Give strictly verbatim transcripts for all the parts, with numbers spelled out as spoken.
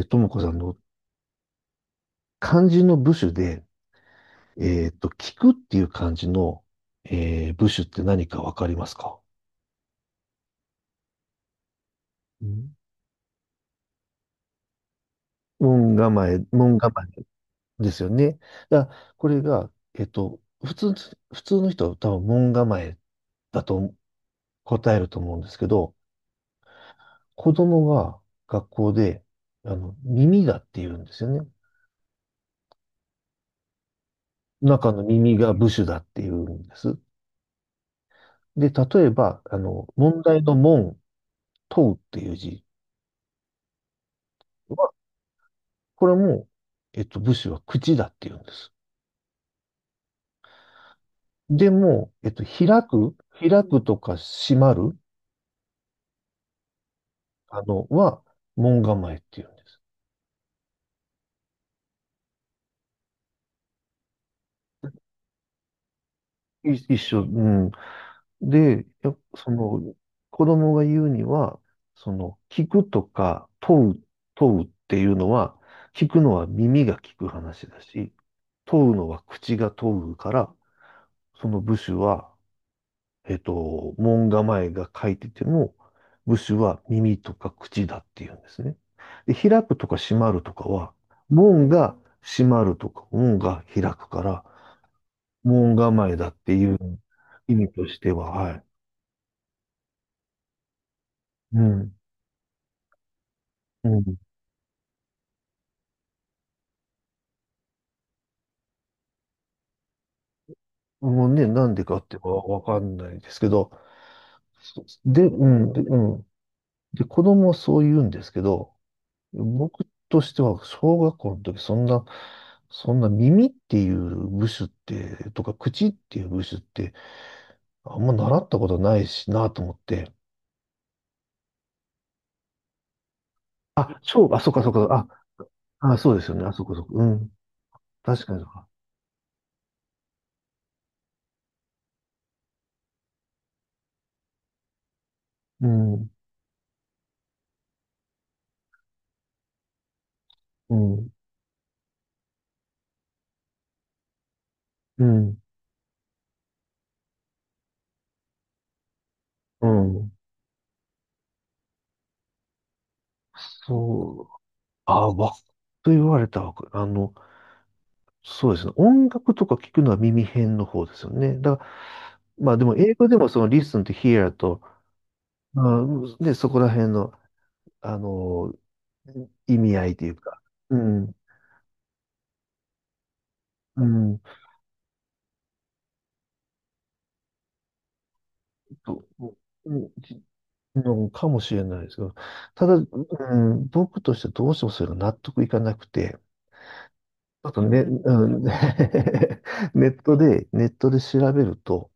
えー、ともこさんの漢字の部首で、えっと、聞くっていう漢字の、えー部首って何かわかりますか？ん。門構え、門構えですよね。だからこれが、えっと、普通、普通の人は多分門構えだと答えると思うんですけど、子供は学校で、あの、耳だって言うんですよね。中の耳が部首だって言うんです。で、例えば、あの、問題の門、問うっていう字これも、えっと、武士は口だって言うんです。でも、えっと、開く、開くとか閉まる、あの、は、門構えって言うんです。い一緒、うん。で、やその、子供が言うには、その、聞くとか、問う、問うっていうのは、聞くのは耳が聞く話だし、問うのは口が問うから、その部首はえっと、門構えが書いてても、部首は耳とか口だっていうんですね。で、開くとか閉まるとかは、門が閉まるとか、門が開くから、門構えだっていう意味としては、はい。うん。うん。もうね、なんでかってはわかんないですけど、そで、うん、で、うん。で、子供はそう言うんですけど、僕としては、小学校の時、そんな、そんな耳っていう部首って、とか口っていう部首って、あんま習ったことないしなと思って。あ、小、あ、そっかそっか、あ、あ、そうですよね、あ、そっかそっか、うん。確かにそうか。うん、うん、うん、うん。そう、あ、わ、と言われたわけ。あの、そうですね。音楽とか聞くのは耳辺の方ですよね。だから、まあでも英語でもその listen to hear と、まあ、で、そこら辺の、あの、意味合いというか、うん、うん、ちょっと、うんじのかもしれないですけど、ただ、うん、僕としてどうしてもそれが納得いかなくて、ちょっとね、うん、ネットで、ネットで調べると、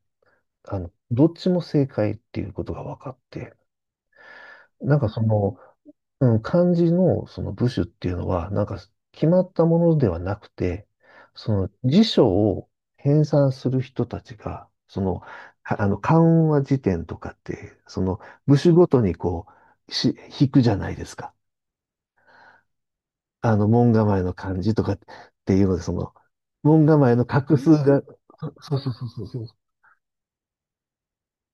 あの、どっちも正解っていうことが分かって、なんかその、うん、漢字のその部首っていうのは、なんか決まったものではなくて、その辞書を編纂する人たちが、その、はあの、漢和辞典とかって、その部首ごとにこう、し、引くじゃないですか。あの、門構えの漢字とかっていうので、その、門構えの画数が、そうそうそうそうそ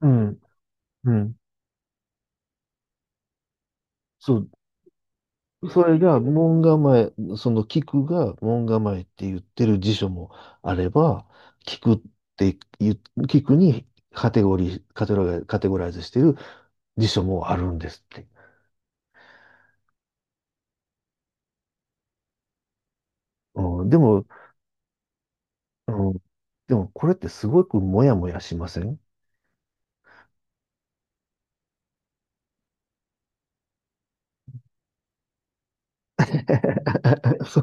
う。うん、うん。そう、それが門構え、その菊が門構えって言ってる辞書もあれば、菊って言う、菊にカテゴリー、カテゴライ、カテゴライズしてる辞書もあるんですって。うん、でも、うん、でもこれってすごくモヤモヤしません？ そ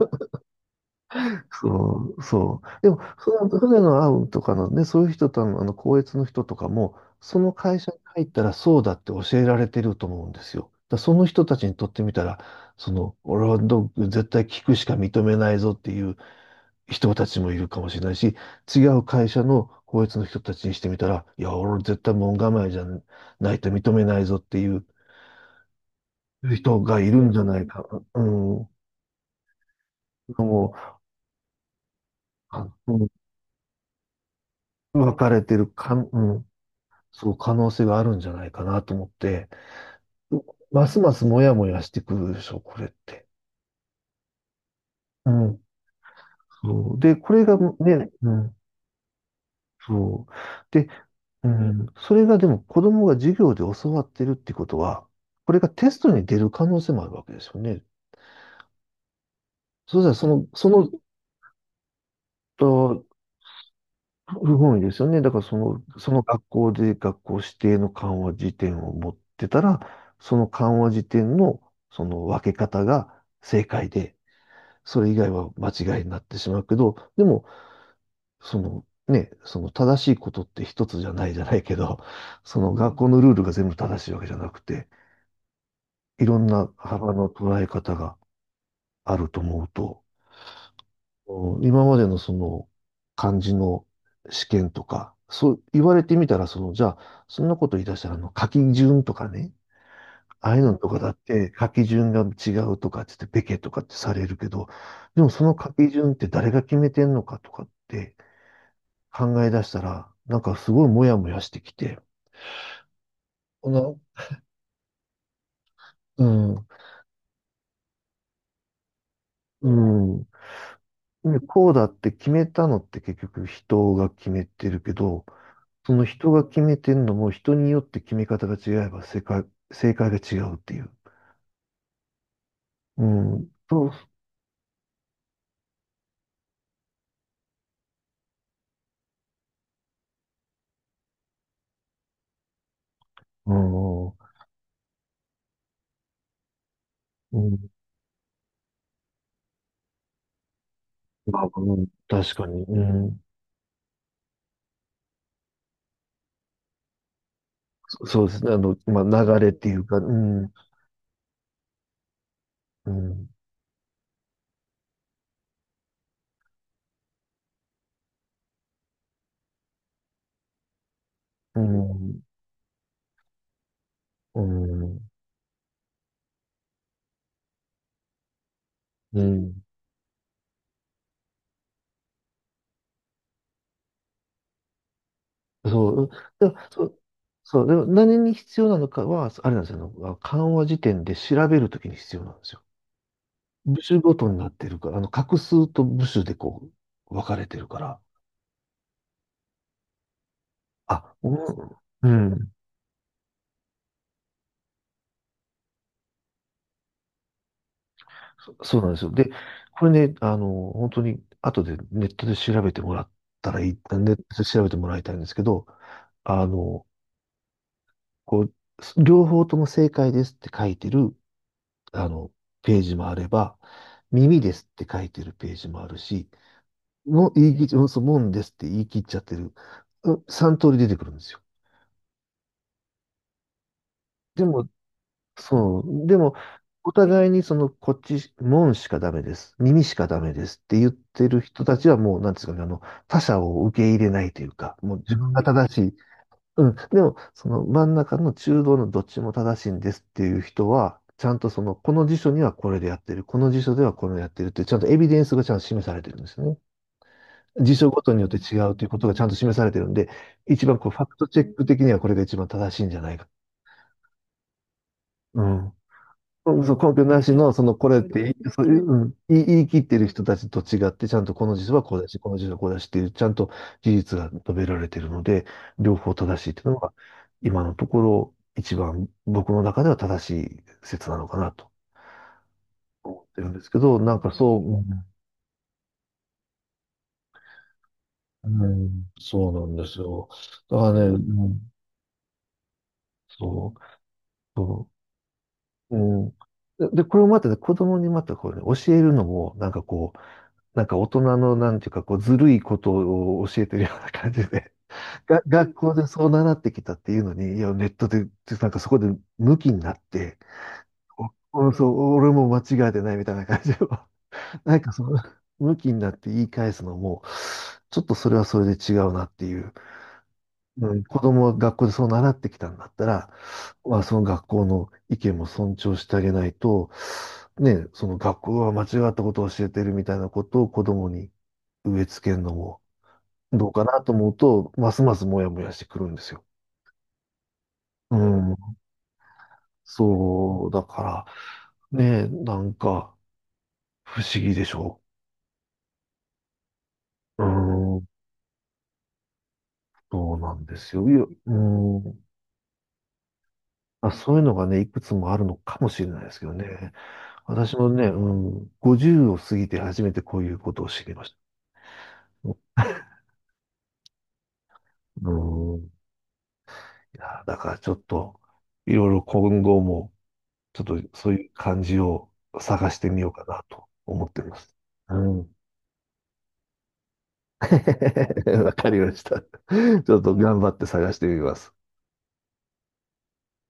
そう、そう。でも、その船のアウンとかのね、そういう人との、あの、校閲の人とかも、その会社に入ったらそうだって教えられてると思うんですよ。だからその人たちにとってみたら、その、俺はど絶対聞くしか認めないぞっていう人たちもいるかもしれないし、違う会社の校閲の人たちにしてみたら、いや、俺絶対門構えじゃないと認めないぞっていう人がいるんじゃないか、うん、のも、あのうん分かれてるか、うんそう、可能性があるんじゃないかなと思って、うますますもやもやしてくるでしょ、これって。うん。そう。で、これがね、うん。そう。で、うん。それがでも子供が授業で教わってるってことは、これがテストに出る可能性もあるわけですよね。そうしたらその、その、と不本意ですよね。だからその、その学校で学校指定の緩和辞典を持ってたら、その緩和辞典のその分け方が正解で、それ以外は間違いになってしまうけど、でも、そのね、その正しいことって一つじゃないじゃないけど、その学校のルールが全部正しいわけじゃなくて、いろんな幅の捉え方があると思うと、今までのその漢字の試験とか、そう言われてみたら、その、じゃあ、そんなこと言い出したら、あの、書き順とかね、ああいうのとかだって書き順が違うとかって言って、べけとかってされるけど、でもその書き順って誰が決めてんのかとかって、考え出したら、なんかすごいモヤモヤしてきて、こうん、うん。でこうだって決めたのって結局人が決めてるけど、その人が決めてるのも人によって決め方が違えば正解、正解が違うっていう。うん。そう、うん。うん。まあ、うん、確かに、うん。そそうですね。あの、まあ、流れっていうか、うん、うん、うん、うん、うん。そう、でも、そう、そう、でも何に必要なのかは、あれなんですよ、あの漢和辞典で調べるときに必要なんですよ。部首ごとになってるから、あの、画数と部首でこう、分かれてるから、あ、うん、うんそそうなんですよ。で、これね、あの、本当に、後でネットで調べてもらったらいい、ネットで調べてもらいたいんですけど、あの、こう、両方とも正解ですって書いてる、あの、ページもあれば、耳ですって書いてるページもあるし、もう言い切っちゃ、そう、もんですって言い切っちゃってる。うさんとおり出てくるんですよ。でも、そう、でも、お互いにその、こっち、もんしかダメです。耳しかダメですって言ってる人たちはもう、なんですかね、あの、他者を受け入れないというか、もう自分が正しい。うん。でも、その真ん中の中道のどっちも正しいんですっていう人は、ちゃんとその、この辞書にはこれでやってる、この辞書ではこれをやってるって、ちゃんとエビデンスがちゃんと示されてるんですよね。辞書ごとによって違うということがちゃんと示されてるんで、一番こう、ファクトチェック的にはこれが一番正しいんじゃないか。うん。うそう、根拠なしの、その、これって、そういう、うん、言い言い切ってる人たちと違って、ちゃんとこの辞書はこうだし、この辞書はこうだしっていう、ちゃんと事実が述べられてるので、両方正しいっていうのが、今のところ、一番僕の中では正しい説なのかなと思ってるんですけど、なんかそう、うん、うんそうなんですよ。だからね、うん、そう。そううん。で、でこれをまたね、子供にまたこうね、教えるのも、なんかこう、なんか大人のなんていうか、こう、ずるいことを教えてるような感じで、が、学校でそう習ってきたっていうのに、いや、ネットで、でなんかそこで向きになって、おおそう、俺も間違えてないみたいな感じを、なんかその、向きになって言い返すのも、ちょっとそれはそれで違うなっていう。うん、子供は学校でそう習ってきたんだったら、まあ、その学校の意見も尊重してあげないと、ね、その学校は間違ったことを教えてるみたいなことを子供に植え付けるのもどうかなと思うと、ますますモヤモヤしてくるんですよ。うん、そう、だから、ね、なんか不思議でしょう。うん、そうなんですよ。いや、うん、あ、そういうのがね、いくつもあるのかもしれないですけどね。私もね、うん、ごじゅうを過ぎて初めてこういうことを知りました。うん。いや、だからちょっと、いろいろ今後も、ちょっとそういう感じを探してみようかなと思ってます。うん。わかりました。ちょっと頑張って探してみます。